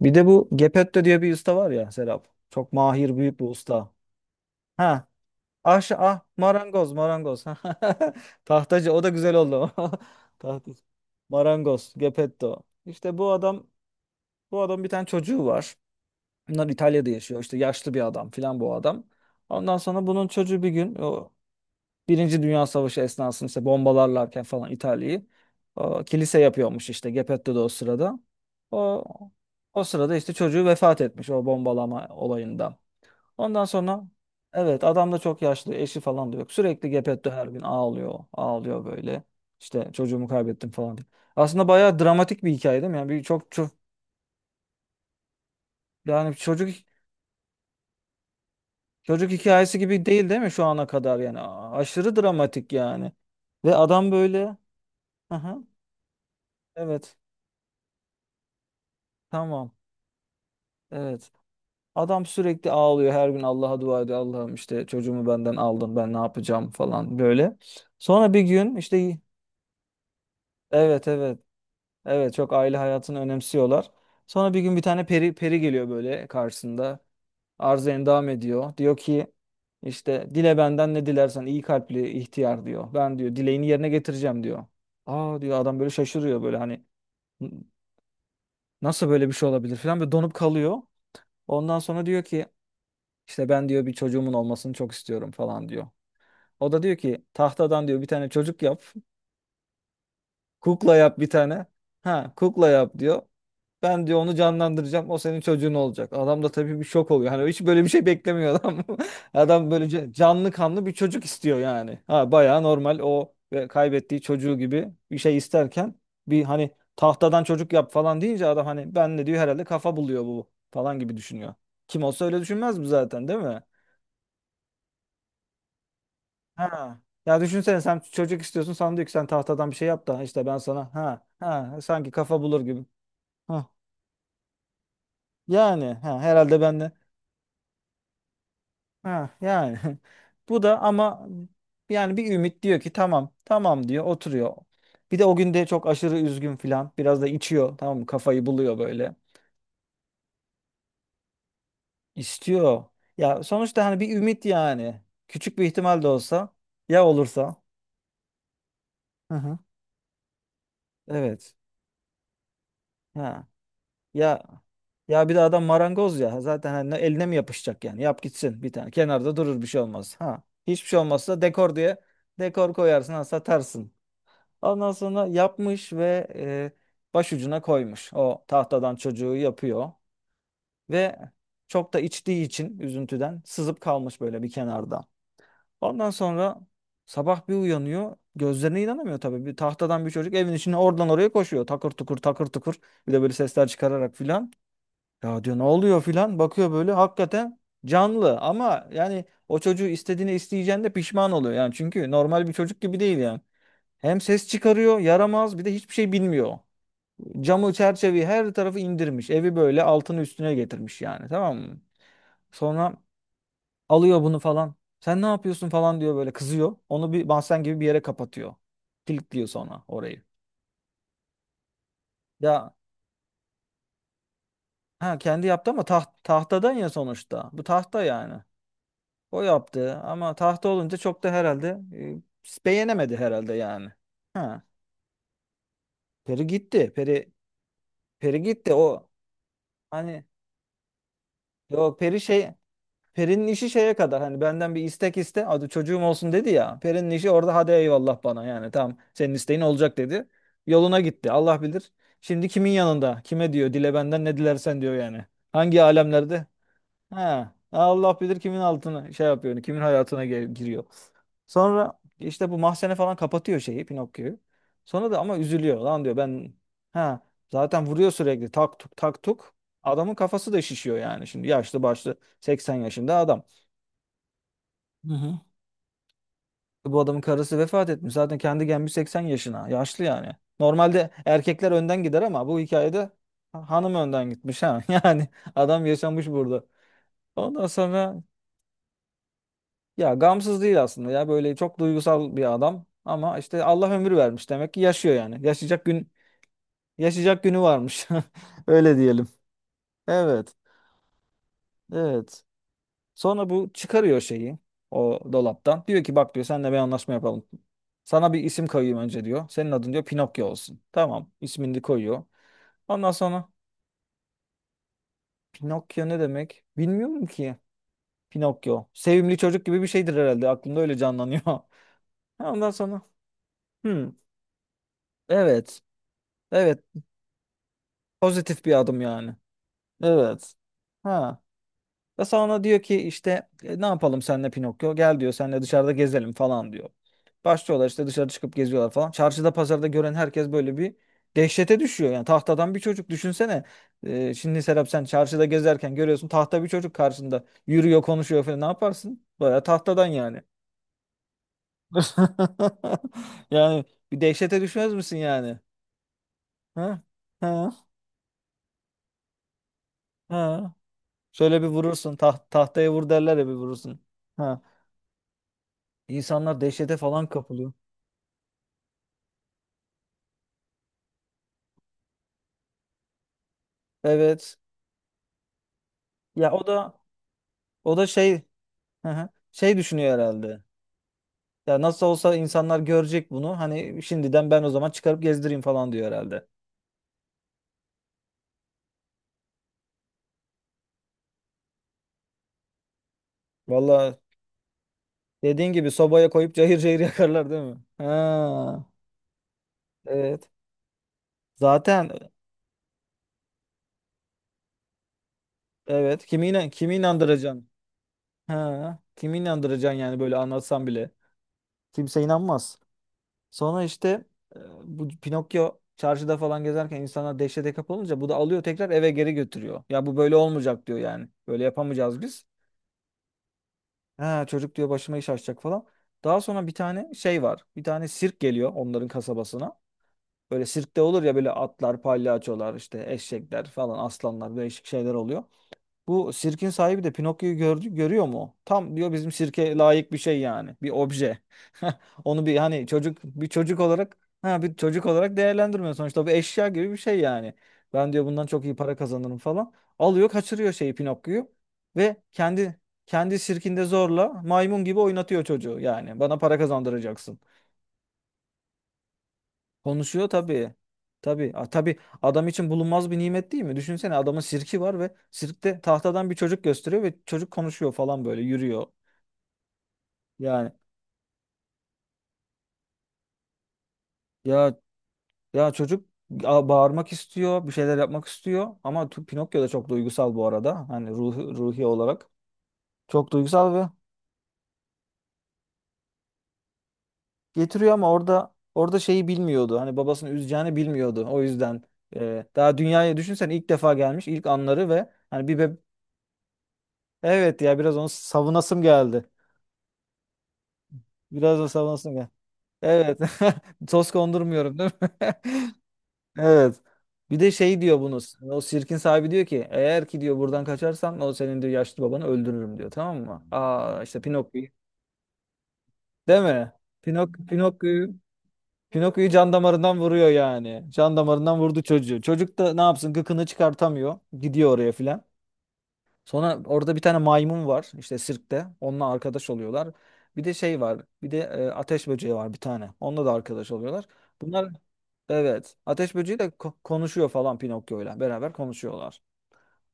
Bir de bu Gepetto diye bir usta var ya Serap. Çok mahir büyük bir usta. Ha. Ah marangoz marangoz. Tahtacı o da güzel oldu. Tahtacı. Marangoz Gepetto. İşte bu adam bu adam bir tane çocuğu var. Bunlar İtalya'da yaşıyor. İşte yaşlı bir adam filan bu adam. Ondan sonra bunun çocuğu bir gün o Birinci Dünya Savaşı esnasında işte bombalarlarken falan İtalya'yı o, kilise yapıyormuş işte Geppetto da o sırada. O, O sırada işte çocuğu vefat etmiş o bombalama olayından. Ondan sonra evet adam da çok yaşlı eşi falan da yok. Sürekli Geppetto her gün ağlıyor ağlıyor böyle. İşte çocuğumu kaybettim falan diye. Aslında bayağı dramatik bir hikaye değil mi? Yani bir çok çok yani çocuk çocuk hikayesi gibi değil mi şu ana kadar yani A- aşırı dramatik yani. Ve adam böyle Aha, evet. Tamam. Evet. Adam sürekli ağlıyor her gün Allah'a dua ediyor. Allah'ım işte çocuğumu benden aldın ben ne yapacağım falan böyle. Sonra bir gün işte evet evet evet çok aile hayatını önemsiyorlar. Sonra bir gün bir tane peri geliyor böyle karşısında. Arz endam ediyor. Diyor ki işte dile benden ne dilersen iyi kalpli ihtiyar diyor. Ben diyor dileğini yerine getireceğim diyor. Aa diyor adam böyle şaşırıyor böyle hani nasıl böyle bir şey olabilir falan böyle donup kalıyor. Ondan sonra diyor ki İşte ben diyor bir çocuğumun olmasını çok istiyorum falan diyor. O da diyor ki tahtadan diyor bir tane çocuk yap. Kukla yap bir tane. Ha kukla yap diyor. Ben diyor onu canlandıracağım. O senin çocuğun olacak. Adam da tabii bir şok oluyor. Hani hiç böyle bir şey beklemiyor adam. Adam böyle ca- canlı kanlı bir çocuk istiyor yani. Ha bayağı normal o ve kaybettiği çocuğu gibi bir şey isterken bir hani tahtadan çocuk yap falan deyince adam hani ben de diyor herhalde kafa buluyor bu falan gibi düşünüyor. Kim olsa öyle düşünmez mi zaten değil mi? Ha. Ya düşünsene sen çocuk istiyorsun sana diyor ki sen tahtadan bir şey yap da işte ben sana ha ha sanki kafa bulur gibi. Ha. Yani ha herhalde ben de ha yani. Bu da ama yani bir ümit diyor ki tamam tamam diyor oturuyor. Bir de o gün de çok aşırı üzgün filan biraz da içiyor tamam mı kafayı buluyor böyle. İstiyor. Ya sonuçta hani bir ümit yani. Küçük bir ihtimal de olsa ya olursa. Hı hı. Evet. Ha. Ya ya bir de adam marangoz ya. Zaten hani eline mi yapışacak yani? Yap gitsin bir tane. Kenarda durur bir şey olmaz. Ha. Hiçbir şey olmazsa dekor diye dekor koyarsın ha, satarsın. Ondan sonra yapmış ve başucuna koymuş. O tahtadan çocuğu yapıyor ve çok da içtiği için üzüntüden sızıp kalmış böyle bir kenarda. Ondan sonra sabah bir uyanıyor. Gözlerine inanamıyor tabii. Bir tahtadan bir çocuk evin içine oradan oraya koşuyor. Takır tukur takır tukur. Bir de böyle sesler çıkararak filan. Ya diyor ne oluyor filan bakıyor böyle hakikaten canlı ama yani o çocuğu istediğini isteyeceğinde pişman oluyor yani çünkü normal bir çocuk gibi değil yani. Hem ses çıkarıyor yaramaz bir de hiçbir şey bilmiyor. Camı çerçeveyi her tarafı indirmiş evi böyle altını üstüne getirmiş yani tamam mı? Sonra alıyor bunu falan sen ne yapıyorsun falan diyor böyle kızıyor onu bir mahzen gibi bir yere kapatıyor. Kilitliyor sonra orayı. Ya ha, kendi yaptı ama tahtadan ya sonuçta bu tahta yani. O yaptı ama tahta olunca çok da herhalde beğenemedi herhalde yani. Ha. Peri gitti. Peri gitti o hani yok Peri şey Peri'nin işi şeye kadar hani benden bir istek iste adı çocuğum olsun dedi ya. Peri'nin işi orada hadi eyvallah bana yani tamam senin isteğin olacak dedi. Yoluna gitti Allah bilir. Şimdi kimin yanında kime diyor dile benden ne dilersen diyor yani. Hangi alemlerde He. Allah bilir kimin altına şey yapıyor, yani kimin hayatına gel- giriyor. Sonra işte bu mahzene falan kapatıyor şeyi Pinokyo'yu. Sonra da ama üzülüyor lan diyor ben ha zaten vuruyor sürekli tak tuk tak tuk. Adamın kafası da şişiyor yani şimdi yaşlı başlı 80 yaşında adam. Hı hı. Bu adamın karısı vefat etmiş zaten kendi gelmiş 80 yaşına yaşlı yani. Normalde erkekler önden gider ama bu hikayede hanım önden gitmiş ha yani adam yaşamış burada. Ondan sonra ya gamsız değil aslında ya böyle çok duygusal bir adam ama işte Allah ömür vermiş demek ki yaşıyor yani. Yaşayacak gün yaşayacak günü varmış. Öyle diyelim. Evet. Evet. Sonra bu çıkarıyor şeyi o dolaptan. Diyor ki bak diyor seninle bir anlaşma yapalım. Sana bir isim koyayım önce diyor. Senin adın diyor Pinokyo olsun. Tamam. ismini de koyuyor. Ondan sonra Pinokyo ne demek? Bilmiyorum ki. Pinokyo. Sevimli çocuk gibi bir şeydir herhalde. Aklımda öyle canlanıyor. Ondan sonra. Hmm, evet. Evet Pozitif bir adım yani. Evet. Ha. Ve sonra diyor ki işte ne yapalım senle Pinokyo? Gel diyor senle dışarıda gezelim falan diyor. Başlıyorlar işte dışarı çıkıp geziyorlar falan. Çarşıda pazarda gören herkes böyle bir dehşete düşüyor. Yani tahtadan bir çocuk düşünsene. Şimdi Serap sen çarşıda gezerken görüyorsun tahta bir çocuk karşında yürüyor konuşuyor falan ne yaparsın? Baya tahtadan yani. Yani bir dehşete düşmez misin yani? Ha? Ha? Ha? Şöyle bir vurursun. Tahtaya vur derler ya bir vurursun. Ha. İnsanlar dehşete falan kapılıyor. Evet. Ya o da şey hı hı, şey düşünüyor herhalde. Ya nasıl olsa insanlar görecek bunu. Hani şimdiden ben o zaman çıkarıp gezdireyim falan diyor herhalde. Valla dediğin gibi sobaya koyup cayır cayır yakarlar değil mi? Ha. Evet. Zaten evet. Kimi, inan kimi inandıracaksın? Ha. Kimi inandıracaksın yani böyle anlatsan bile. Kimse inanmaz. Sonra işte bu Pinokyo çarşıda falan gezerken insanlar dehşete kapılınca bu da alıyor tekrar eve geri götürüyor. Ya bu böyle olmayacak diyor yani. Böyle yapamayacağız biz. Ha, çocuk diyor başıma iş açacak falan. Daha sonra bir tane şey var. Bir tane sirk geliyor onların kasabasına. Böyle sirkte olur ya böyle atlar, palyaçolar, işte eşekler falan, aslanlar, değişik şeyler oluyor. Bu sirkin sahibi de Pinokyo'yu gördü, görüyor mu? Tam diyor bizim sirke layık bir şey yani. Bir obje. Onu bir hani çocuk bir çocuk olarak ha bir çocuk olarak değerlendirmiyor sonuçta bu eşya gibi bir şey yani. Ben diyor bundan çok iyi para kazanırım falan. Alıyor kaçırıyor şeyi Pinokyo'yu ve kendi sirkinde zorla maymun gibi oynatıyor çocuğu yani. Bana para kazandıracaksın. Konuşuyor tabii. Tabii. A, tabii adam için bulunmaz bir nimet değil mi? Düşünsene adamın sirki var ve sirkte tahtadan bir çocuk gösteriyor ve çocuk konuşuyor falan böyle yürüyor. Yani ya ya çocuk a- bağırmak istiyor, bir şeyler yapmak istiyor ama tu- Pinokyo da çok duygusal bu arada. Hani ruhi olarak çok duygusal ve getiriyor ama orada şeyi bilmiyordu. Hani babasını üzeceğini bilmiyordu. O yüzden daha dünyaya düşünsen ilk defa gelmiş, ilk anları ve hani bir beb- Evet ya biraz onu savunasım geldi. Biraz da savunansın gel. Evet. Toz kondurmuyorum değil mi? Evet. Bir de şey diyor bunu. O sirkin sahibi diyor ki eğer ki diyor buradan kaçarsan o senin diyor yaşlı babanı öldürürüm diyor. Tamam mı? Aa işte Pinokyo'yu. Değil mi? Pinok Pinokyo'yu Pinokyo'yu can damarından vuruyor yani. Can damarından vurdu çocuğu. Çocuk da ne yapsın gıkını çıkartamıyor. Gidiyor oraya filan. Sonra orada bir tane maymun var işte sirkte. Onunla arkadaş oluyorlar. Bir de şey var. Bir de ateş böceği var bir tane. Onunla da arkadaş oluyorlar. Bunlar evet. Ateş böceği de konuşuyor falan Pinokyo'yla beraber konuşuyorlar.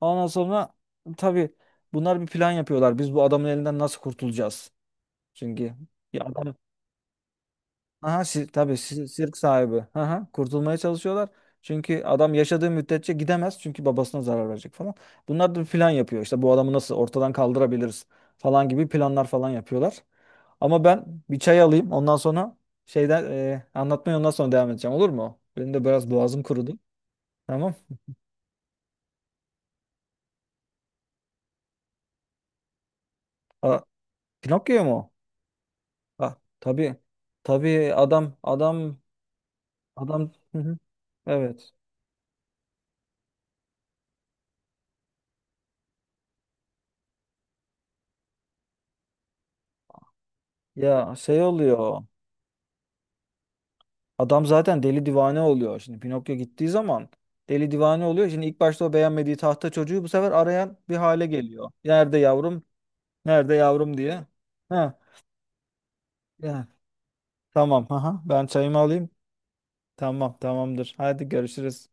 Ondan sonra tabii bunlar bir plan yapıyorlar. Biz bu adamın elinden nasıl kurtulacağız? Çünkü ya adam Aha, si tabii si- sirk sahibi. Aha, kurtulmaya çalışıyorlar. Çünkü adam yaşadığı müddetçe gidemez. Çünkü babasına zarar verecek falan. Bunlar da bir plan yapıyor. İşte bu adamı nasıl ortadan kaldırabiliriz falan gibi planlar falan yapıyorlar. Ama ben bir çay alayım. Ondan sonra şeyden anlatmaya ondan sonra devam edeceğim. Olur mu? Benim de biraz boğazım kurudu. Tamam. Aa, Pinokyo mu? O? Ah, tabii. Tabii adam. Hı hı. Evet. Ya şey oluyor. Adam zaten deli divane oluyor. Şimdi Pinokyo gittiği zaman deli divane oluyor. Şimdi ilk başta o beğenmediği tahta çocuğu bu sefer arayan bir hale geliyor. Nerede yavrum? Nerede yavrum diye. Ha, ya. Tamam. Aha, ben çayımı alayım. Tamam, tamamdır. Hadi görüşürüz.